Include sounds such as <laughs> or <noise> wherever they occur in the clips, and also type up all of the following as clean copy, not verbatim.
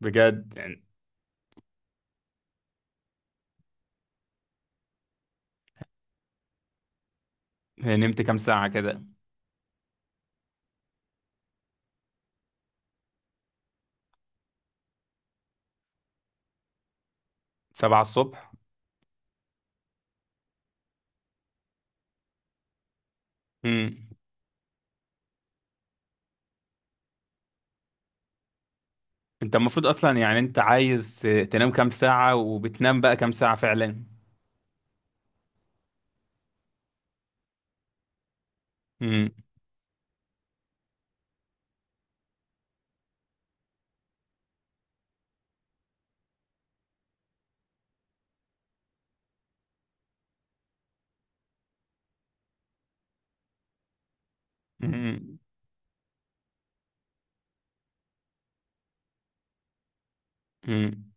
بجد يعني؟ هي نمت كام ساعة كده؟ سبعة الصبح. امم. انت المفروض اصلا، يعني انت عايز تنام كام ساعة، وبتنام بقى كام ساعة فعلا؟ امم، امم، امم.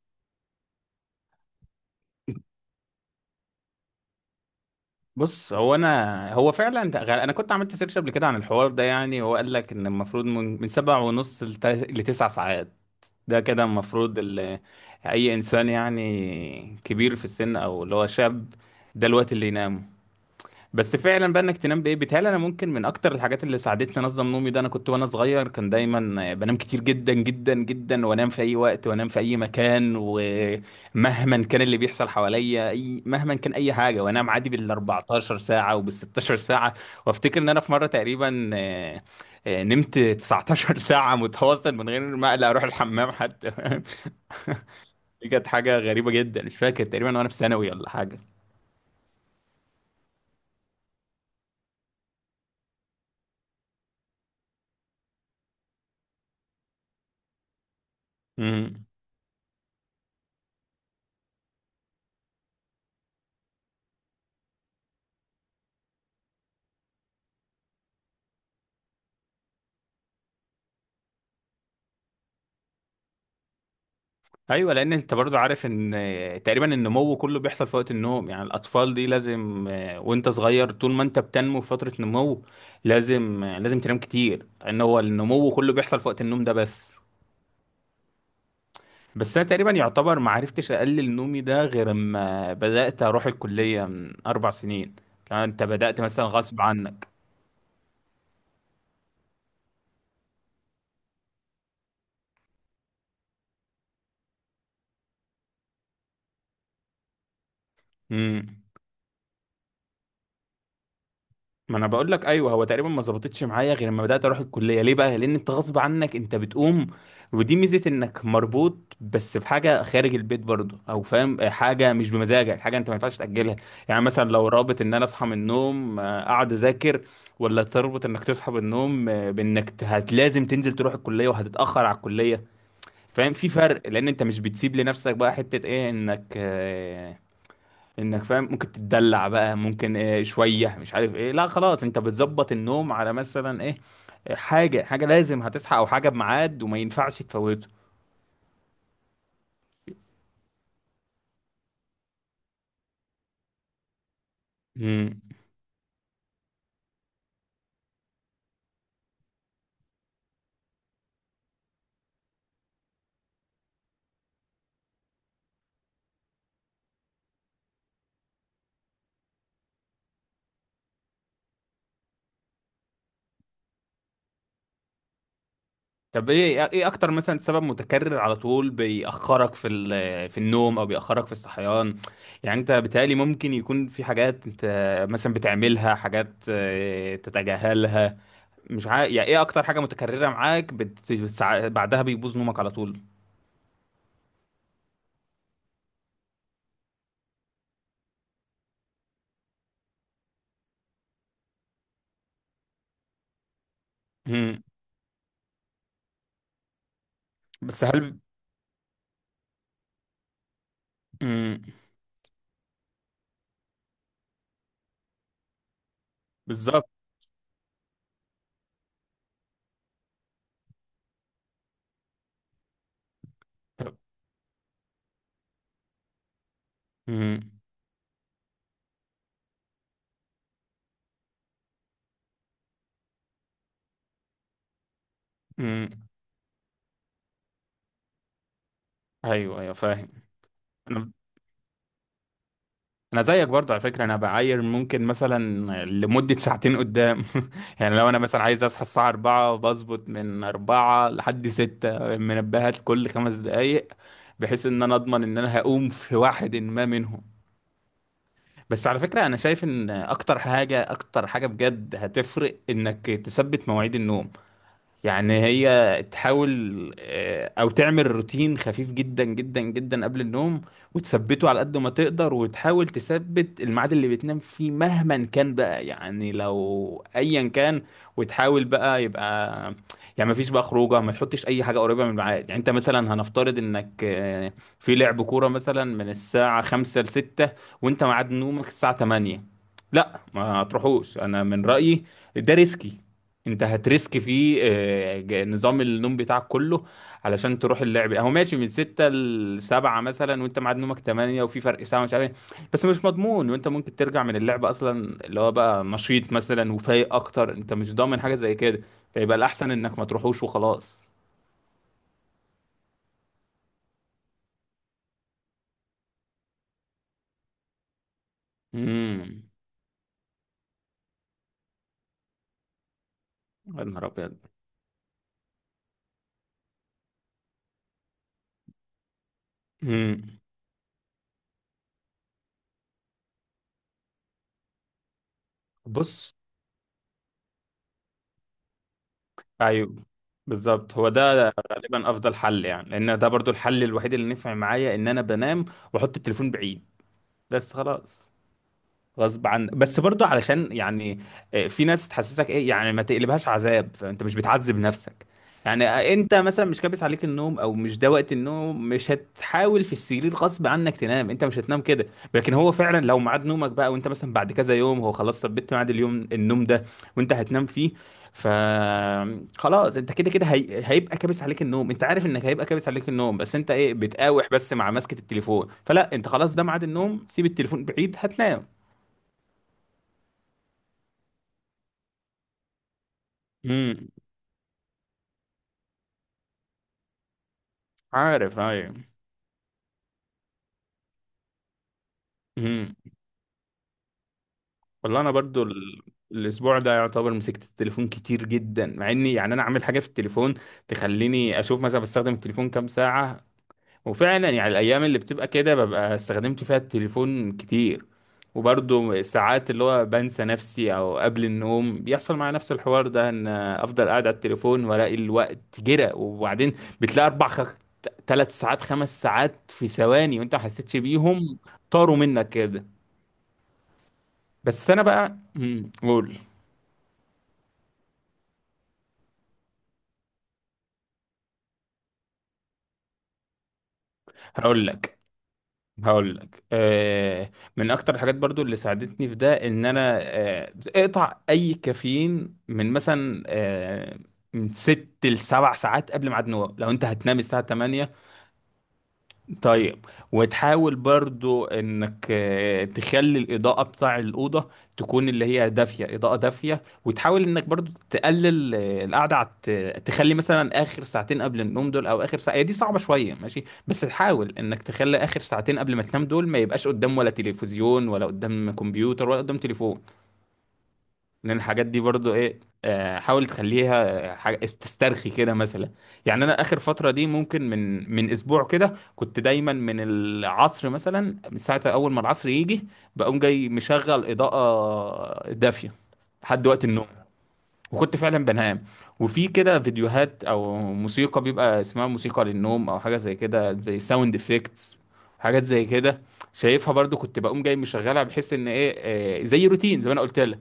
بص، هو انا، هو فعلا ده انا كنت عملت سيرش قبل كده عن الحوار ده، يعني هو قال لك ان المفروض من سبع ونص لتسع ساعات. ده كده المفروض اي انسان، يعني كبير في السن او اللي هو شاب، ده الوقت اللي ينام. بس فعلا بقى، انك تنام بايه؟ بيتهيألي انا ممكن من اكتر الحاجات اللي ساعدتني انظم نومي ده، انا كنت وانا صغير كان دايما بنام كتير جدا جدا جدا، وانام في اي وقت، وانام في اي مكان، ومهما كان اللي بيحصل حواليا، اي مهما كان اي حاجه، وانام عادي بال 14 ساعه وبال 16 ساعه. وافتكر ان انا في مره تقريبا نمت 19 <laughs> ساعه متواصل من غير ما اقلق اروح الحمام حتى <laughs> دي كانت حاجه غريبه جدا، مش فاكر، تقريبا وانا في ثانوي ولا حاجه. ايوه، لان انت برضو عارف ان تقريبا النمو كله بيحصل في وقت النوم، يعني الاطفال دي لازم، وانت صغير طول ما انت بتنمو في فتره نمو لازم تنام كتير، لان هو النمو كله بيحصل في وقت النوم ده. بس بس انا تقريبا يعتبر ما عرفتش اقلل نومي ده غير اما بدات اروح الكليه من 4 سنين، كان انت بدات مثلا غصب عنك. ما انا بقول لك، ايوه، هو تقريبا ما ظبطتش معايا غير لما بدات اروح الكليه. ليه بقى؟ لان انت غصب عنك انت بتقوم، ودي ميزه انك مربوط بس بحاجه خارج البيت برضه، او فاهم، حاجه مش بمزاجك، حاجه انت ما ينفعش تاجلها. يعني مثلا لو رابط ان انا اصحى من النوم اقعد اذاكر، ولا تربط انك تصحى من النوم بانك ت- هت لازم تنزل تروح الكليه وهتتاخر على الكليه، فاهم؟ في فرق لان انت مش بتسيب لنفسك بقى حته ايه، انك انك فاهم ممكن تتدلع بقى، ممكن إيه شويه مش عارف ايه. لا، خلاص، انت بتظبط النوم على مثلا ايه، حاجه، حاجه لازم هتصحى، او حاجه بميعاد وما ينفعش تفوته. امم. طب، ايه اكتر مثلا سبب متكرر على طول بيأخرك في في النوم او بيأخرك في الصحيان؟ يعني انت بيتهيألي ممكن يكون في حاجات انت مثلا بتعملها، حاجات تتجاهلها؟ مش عارف، يعني ايه اكتر حاجة متكررة معاك بعدها بيبوظ نومك على طول؟ امم. بس هل. امم. بالظبط. امم، امم. ايوه، ايوه، فاهم. انا انا زيك برضو على فكره، انا بعاير ممكن مثلا لمده ساعتين قدام. <laughs> يعني لو انا مثلا عايز اصحى الساعه 4 بظبط، من 4 لحد 6 منبهات كل 5 دقائق، بحيث ان انا اضمن ان انا هقوم في واحد ما منهم. بس على فكره، انا شايف ان اكتر حاجه، اكتر حاجه بجد هتفرق انك تثبت مواعيد النوم، يعني هي تحاول او تعمل روتين خفيف جدا جدا جدا قبل النوم، وتثبته على قد ما تقدر، وتحاول تثبت الميعاد اللي بتنام فيه مهما كان بقى، يعني لو ايا كان، وتحاول بقى يبقى يعني ما فيش بقى خروجه، ما تحطش اي حاجه قريبه من الميعاد. يعني انت مثلا هنفترض انك في لعب كوره مثلا من الساعه 5 ل 6، وانت ميعاد نومك الساعه 8. لا، ما تروحوش، انا من رايي. ده ريسكي، انت هتريسك فيه نظام النوم بتاعك كله علشان تروح اللعب. اهو، ماشي من 6 ل 7 مثلا وانت ميعاد نومك 8 وفي فرق ساعه مش عارف ايه، بس مش مضمون، وانت ممكن ترجع من اللعب اصلا اللي هو بقى نشيط مثلا وفايق اكتر، انت مش ضامن حاجه زي كده. فيبقى الاحسن انك ما تروحوش وخلاص. امم. يا نهار ابيض. امم. بص، ايوه، بالظبط، هو ده غالبا افضل حل، يعني لان ده برضو الحل الوحيد اللي نفع معايا، ان انا بنام واحط التليفون بعيد، بس خلاص غصب عن. بس برضو علشان، يعني في ناس تحسسك ايه، يعني ما تقلبهاش عذاب، فانت مش بتعذب نفسك. يعني انت مثلا مش كابس عليك النوم، او مش ده وقت النوم، مش هتحاول في السرير غصب عنك تنام، انت مش هتنام كده. لكن هو فعلا لو ميعاد نومك بقى، وانت مثلا بعد كذا يوم هو خلاص ثبت ميعاد اليوم، النوم ده وانت هتنام فيه، ف خلاص انت كده كده هيبقى كابس عليك النوم، انت عارف انك هيبقى كابس عليك النوم، بس انت ايه بتقاوح بس مع مسكة التليفون، فلا، انت خلاص، ده ميعاد النوم، سيب التليفون بعيد، هتنام. امم. عارف، ايوه. امم. والله انا برضو الاسبوع ده يعتبر مسكت التليفون كتير جدا، مع اني يعني انا اعمل حاجه في التليفون تخليني اشوف مثلا بستخدم التليفون كام ساعه، وفعلا يعني الايام اللي بتبقى كده ببقى استخدمت فيها التليفون كتير. وبرضو ساعات اللي هو بنسى نفسي او قبل النوم بيحصل معايا نفس الحوار ده، ان افضل قاعد على التليفون والاقي الوقت جرى، وبعدين بتلاقي ثلاث ساعات خمس ساعات في ثواني وانت ما حسيتش بيهم، طاروا منك كده. بس انا بقى قول. هقول لك هقول لك من اكتر الحاجات برضو اللي ساعدتني في ده، ان انا اقطع اي كافيين من مثلا من ست لسبع ساعات قبل ميعاد نوم لو انت هتنام الساعه 8. طيب. وتحاول برضو انك تخلي الاضاءة بتاع الأوضة تكون اللي هي دافية، إضاءة دافية. وتحاول انك برضو تقلل القعدة على تخلي مثلا آخر ساعتين قبل النوم دول، او آخر ساعة، هي دي صعبة شوية، ماشي، بس تحاول انك تخلي آخر ساعتين قبل ما تنام دول ما يبقاش قدام ولا تلفزيون ولا قدام كمبيوتر ولا قدام تليفون، لان الحاجات دي برضو ايه، حاول تخليها حاجة استرخي كده مثلا. يعني انا اخر فتره دي ممكن من اسبوع كده، كنت دايما من العصر مثلا، من ساعه اول ما العصر يجي بقوم جاي مشغل اضاءه دافيه لحد وقت النوم، وكنت فعلا بنام. وفي كده فيديوهات او موسيقى بيبقى اسمها موسيقى للنوم او حاجه زي كده، زي ساوند افكتس، حاجات زي كده شايفها، برضو كنت بقوم جاي مشغلها، بحيث ان ايه، زي روتين زي ما انا قلت لك.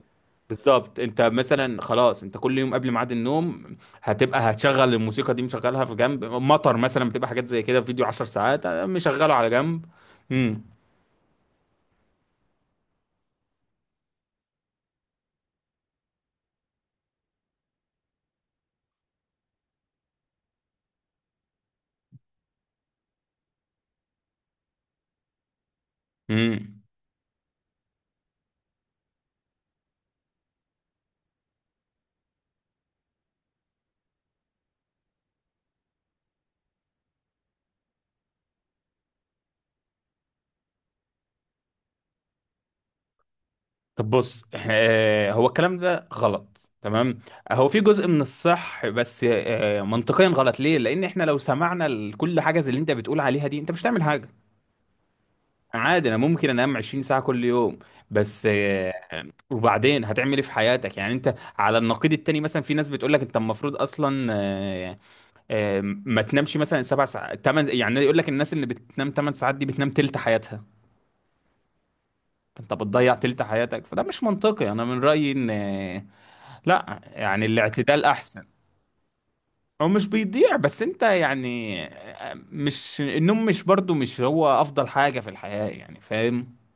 بالظبط، انت مثلا خلاص، انت كل يوم قبل ميعاد النوم هتبقى هتشغل الموسيقى دي، مشغلها في جنب، مطر مثلا، بتبقى حاجات زي كده، فيديو 10 ساعات مشغله على جنب. امم، امم. طب بص، هو الكلام ده غلط تمام. هو في جزء من الصح بس منطقيا غلط. ليه؟ لان احنا لو سمعنا لكل حاجه زي اللي انت بتقول عليها دي انت مش هتعمل حاجه، عادي انا ممكن انام 20 ساعه كل يوم. بس وبعدين هتعمل ايه في حياتك؟ يعني انت على النقيض التاني مثلا في ناس بتقول لك انت المفروض اصلا ما تنامش مثلا 7 ساعات 8، يعني يقول لك، الناس اللي بتنام 8 ساعات دي بتنام تلت حياتها، انت بتضيع تلت حياتك. فده مش منطقي، انا من رايي ان لا يعني الاعتدال احسن. هو مش بيضيع. بس انت يعني مش النوم مش برضو مش هو افضل حاجة في الحياة، يعني فاهم؟